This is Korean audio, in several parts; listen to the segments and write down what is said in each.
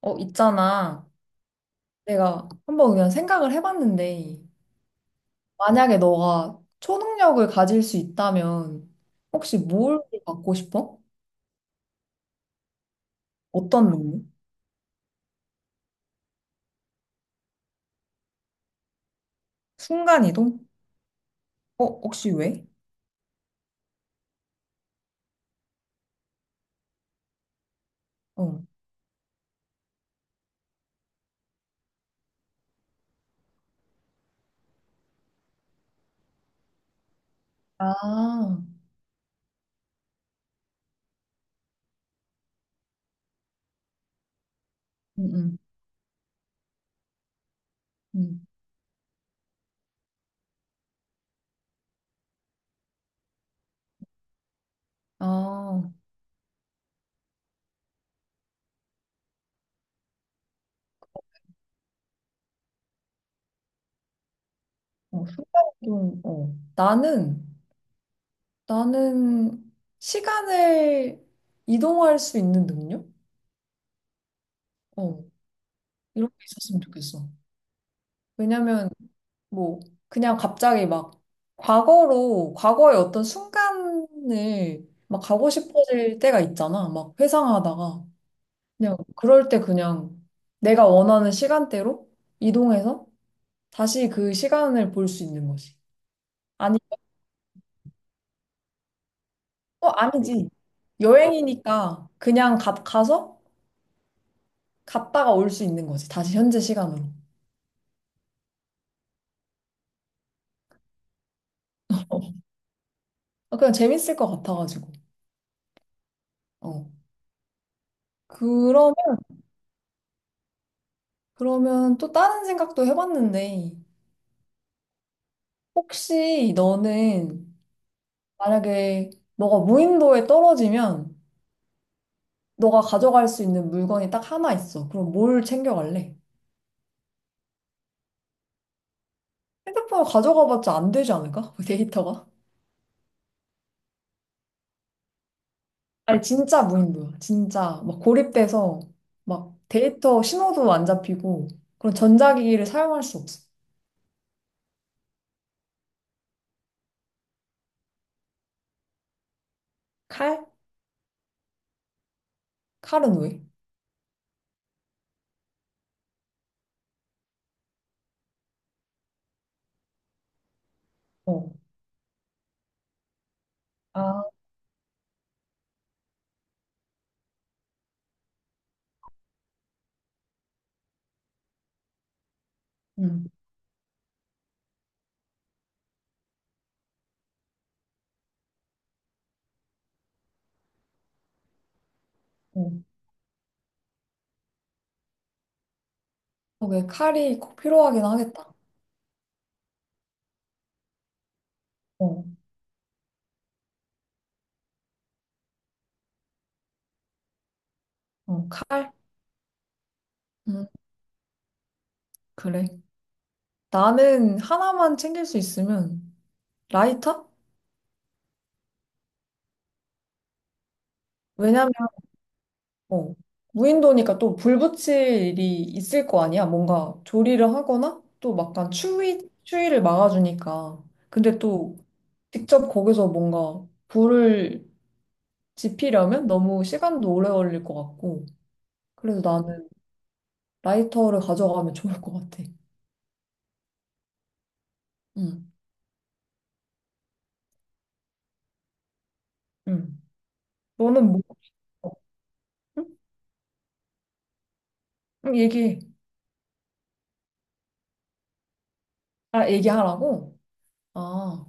어, 있잖아. 내가 한번 그냥 생각을 해봤는데, 만약에 너가 초능력을 가질 수 있다면, 혹시 뭘 갖고 싶어? 어떤 능력? 순간이동? 어, 혹시 왜? 어. 아, 응, 응, 응. 아, 어, 순간 이동 어. 나는, 나는 시간을 이동할 수 있는 능력? 어, 이런 게 있었으면 좋겠어. 왜냐면 뭐 그냥 갑자기 막 과거로 과거의 어떤 순간을 막 가고 싶어질 때가 있잖아. 막 회상하다가 그냥 그럴 때 그냥 내가 원하는 시간대로 이동해서 다시 그 시간을 볼 수 있는 거지. 아니, 어, 아니지. 여행이니까 그냥 가, 가서 갔다가 올 수 있는 거지. 다시 현재 시간으로. 아, 그냥 재밌을 것 같아가지고. 어. 그러면 그러면 또 다른 생각도 해봤는데 혹시 너는 만약에 너가 무인도에 떨어지면 너가 가져갈 수 있는 물건이 딱 하나 있어. 그럼 뭘 챙겨갈래? 핸드폰을 가져가봤자 안 되지 않을까? 데이터가? 아니 진짜 무인도야. 진짜 막 고립돼서 막 데이터 신호도 안 잡히고 그런 전자기기를 사용할 수 없어. 칼? 칼은 왜? 어. 아, 응. 어. 어, 왜 칼이 꼭 필요하긴 하겠다. 어. 어, 칼? 음, 그래. 나는 하나만 챙길 수 있으면 라이터? 왜냐면 어, 무인도니까 또 불 붙일 일이 있을 거 아니야. 뭔가 조리를 하거나 또 막간 추위를 막아주니까. 근데 또 직접 거기서 뭔가 불을 지피려면 너무 시간도 오래 걸릴 것 같고. 그래서 나는 라이터를 가져가면 좋을 것 같아. 응, 응. 너는 뭐? 응? 응, 얘기해. 아, 얘기하라고? 아,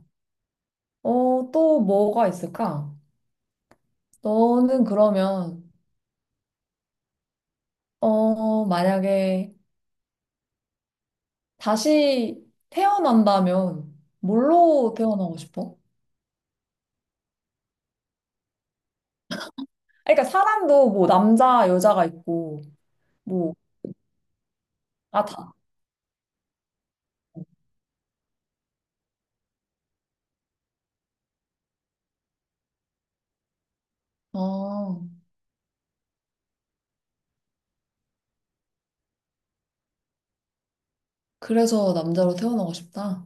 어, 또 뭐가 있을까? 너는 그러면 어, 만약에 다시 태어난다면 뭘로 태어나고 싶어? 그러니까 사람도 뭐 남자, 여자가 있고 뭐 아, 다. 아, 그래서 남자로 태어나고 싶다.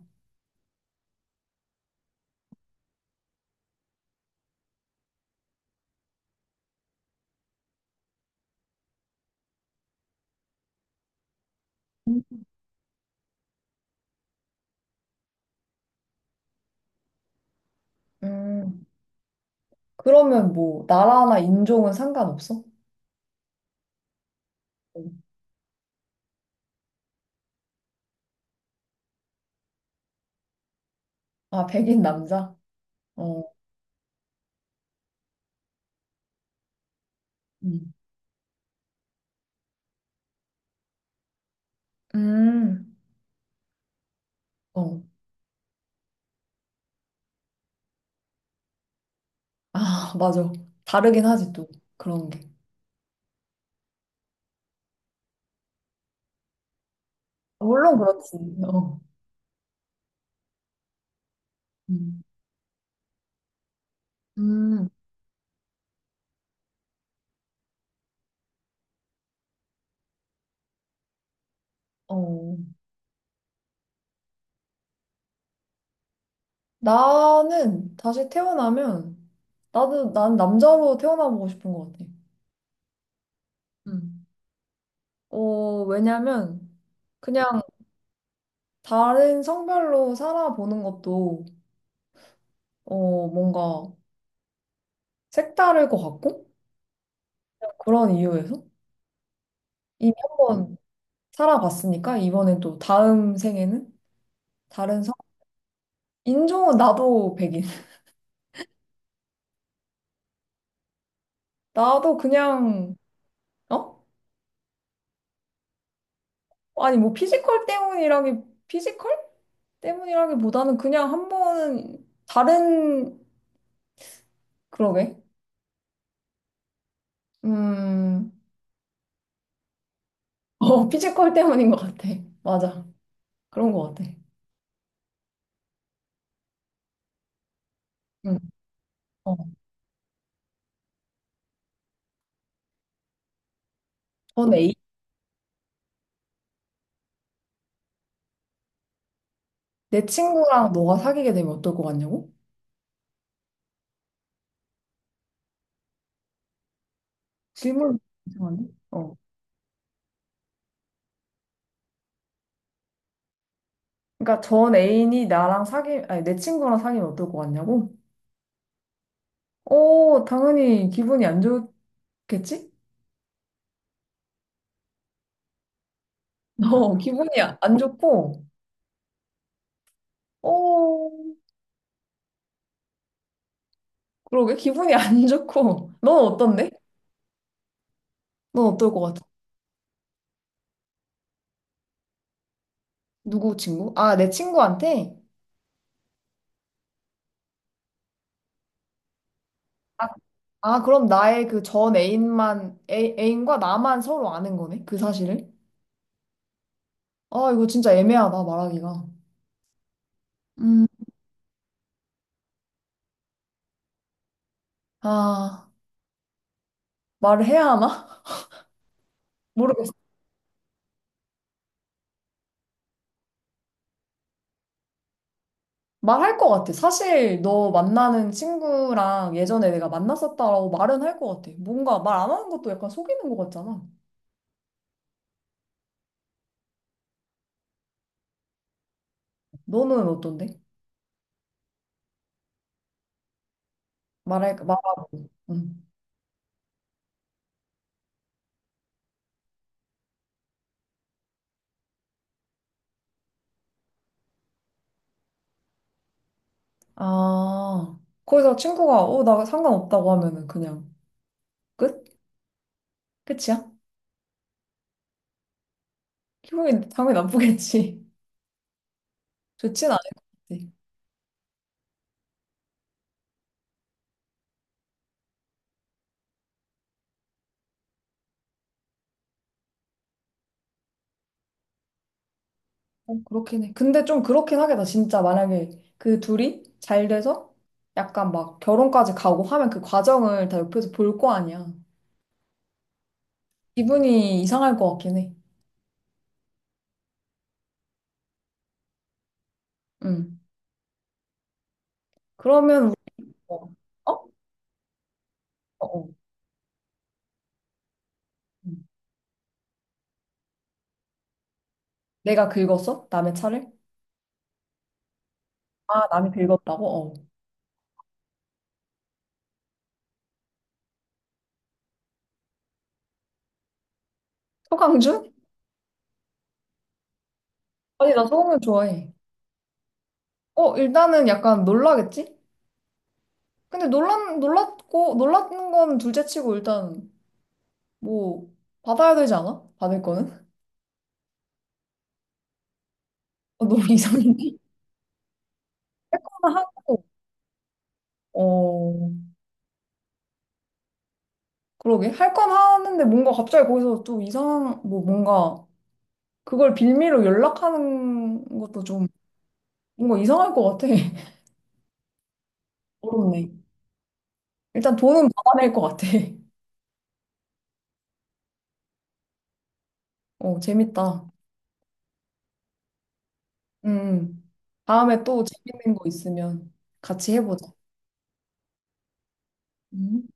음, 그러면 뭐 나라나 인종은 상관없어? 어. 아, 백인 남자? 어. 음. 음. 어. 아, 맞아. 다르긴 하지 또 그런 게. 물론 그렇지. 어. 음. 음. 어. 나는 다시 태어나면, 나도, 난 남자로 태어나보고 싶은 것 같아. 음. 어, 왜냐면, 그냥 다른 성별로 살아보는 것도, 어, 뭔가 색다를 것 같고, 그런 이유에서. 이미 한번 살아봤으니까, 이번엔 또 다음 생에는 다른 성, 인종은 나도 백인. 나도 그냥, 어? 아니, 뭐 피지컬 때문이라기, 피지컬 때문이라기보다는 그냥 한 번은 다른, 그러게. 음, 어, 피지컬 때문인 것 같아. 맞아. 그런 것 같아. 응. 어. 전 A. 내 친구랑 너가 사귀게 되면 어떨 것 같냐고? 질문 이상한데? 어. 그러니까 전 애인이 나랑 사귀, 아니, 내 친구랑 사귀면 어떨 것 같냐고? 어, 당연히 기분이 안 좋겠지? 어, 기분이 안 좋고, 어, 그러게 기분이 안 좋고. 넌 어떤데? 넌 어떨 것 같아? 누구 친구? 아, 내 친구한테? 아, 아, 그럼 나의 그 전 애인만, 애, 애인과 나만 서로 아는 거네? 그 사실을? 아, 이거 진짜 애매하다, 말하기가. 음, 아, 말을 해야 하나? 모르겠어. 말할 것 같아. 사실 너 만나는 친구랑 예전에 내가 만났었다라고 말은 할 것 같아. 뭔가 말 안 하는 것도 약간 속이는 것 같잖아. 너는 어떤데? 말할, 말하고. 응. 아, 거기서 친구가, 어, 나 상관없다고 하면은 그냥 끝? 끝이야? 기분이 당연히 나쁘겠지. 좋진 않을 것 같아. 어, 그렇긴 해. 근데 좀 그렇긴 하겠다. 진짜 만약에 그 둘이 잘 돼서 약간 막 결혼까지 가고 하면 그 과정을 다 옆에서 볼 거 아니야. 기분이 이상할 것 같긴 해. 응. 그러면 우리, 뭐, 어? 어? 어. 응. 내가 긁었어? 남의 차를? 아, 남이 긁었다고? 어. 서강준? 아니, 나 서강준 좋아해. 어, 일단은 약간 놀라겠지? 근데 놀란, 놀랐고, 놀라는 건 둘째치고 일단 뭐 받아야 되지 않아? 받을 거는? 어, 너무 이상한데? 할 거는 하고, 어, 그러게. 할 건 하는데 뭔가 갑자기 거기서 좀 이상한, 뭐 뭔가 그걸 빌미로 연락하는 것도 좀 뭔가 이상할 것 같아. 어렵네. 일단 돈은 받아낼 것 같아. 어, 재밌다. 음. 다음에 또 재밌는 거 있으면 같이 해보자. 음.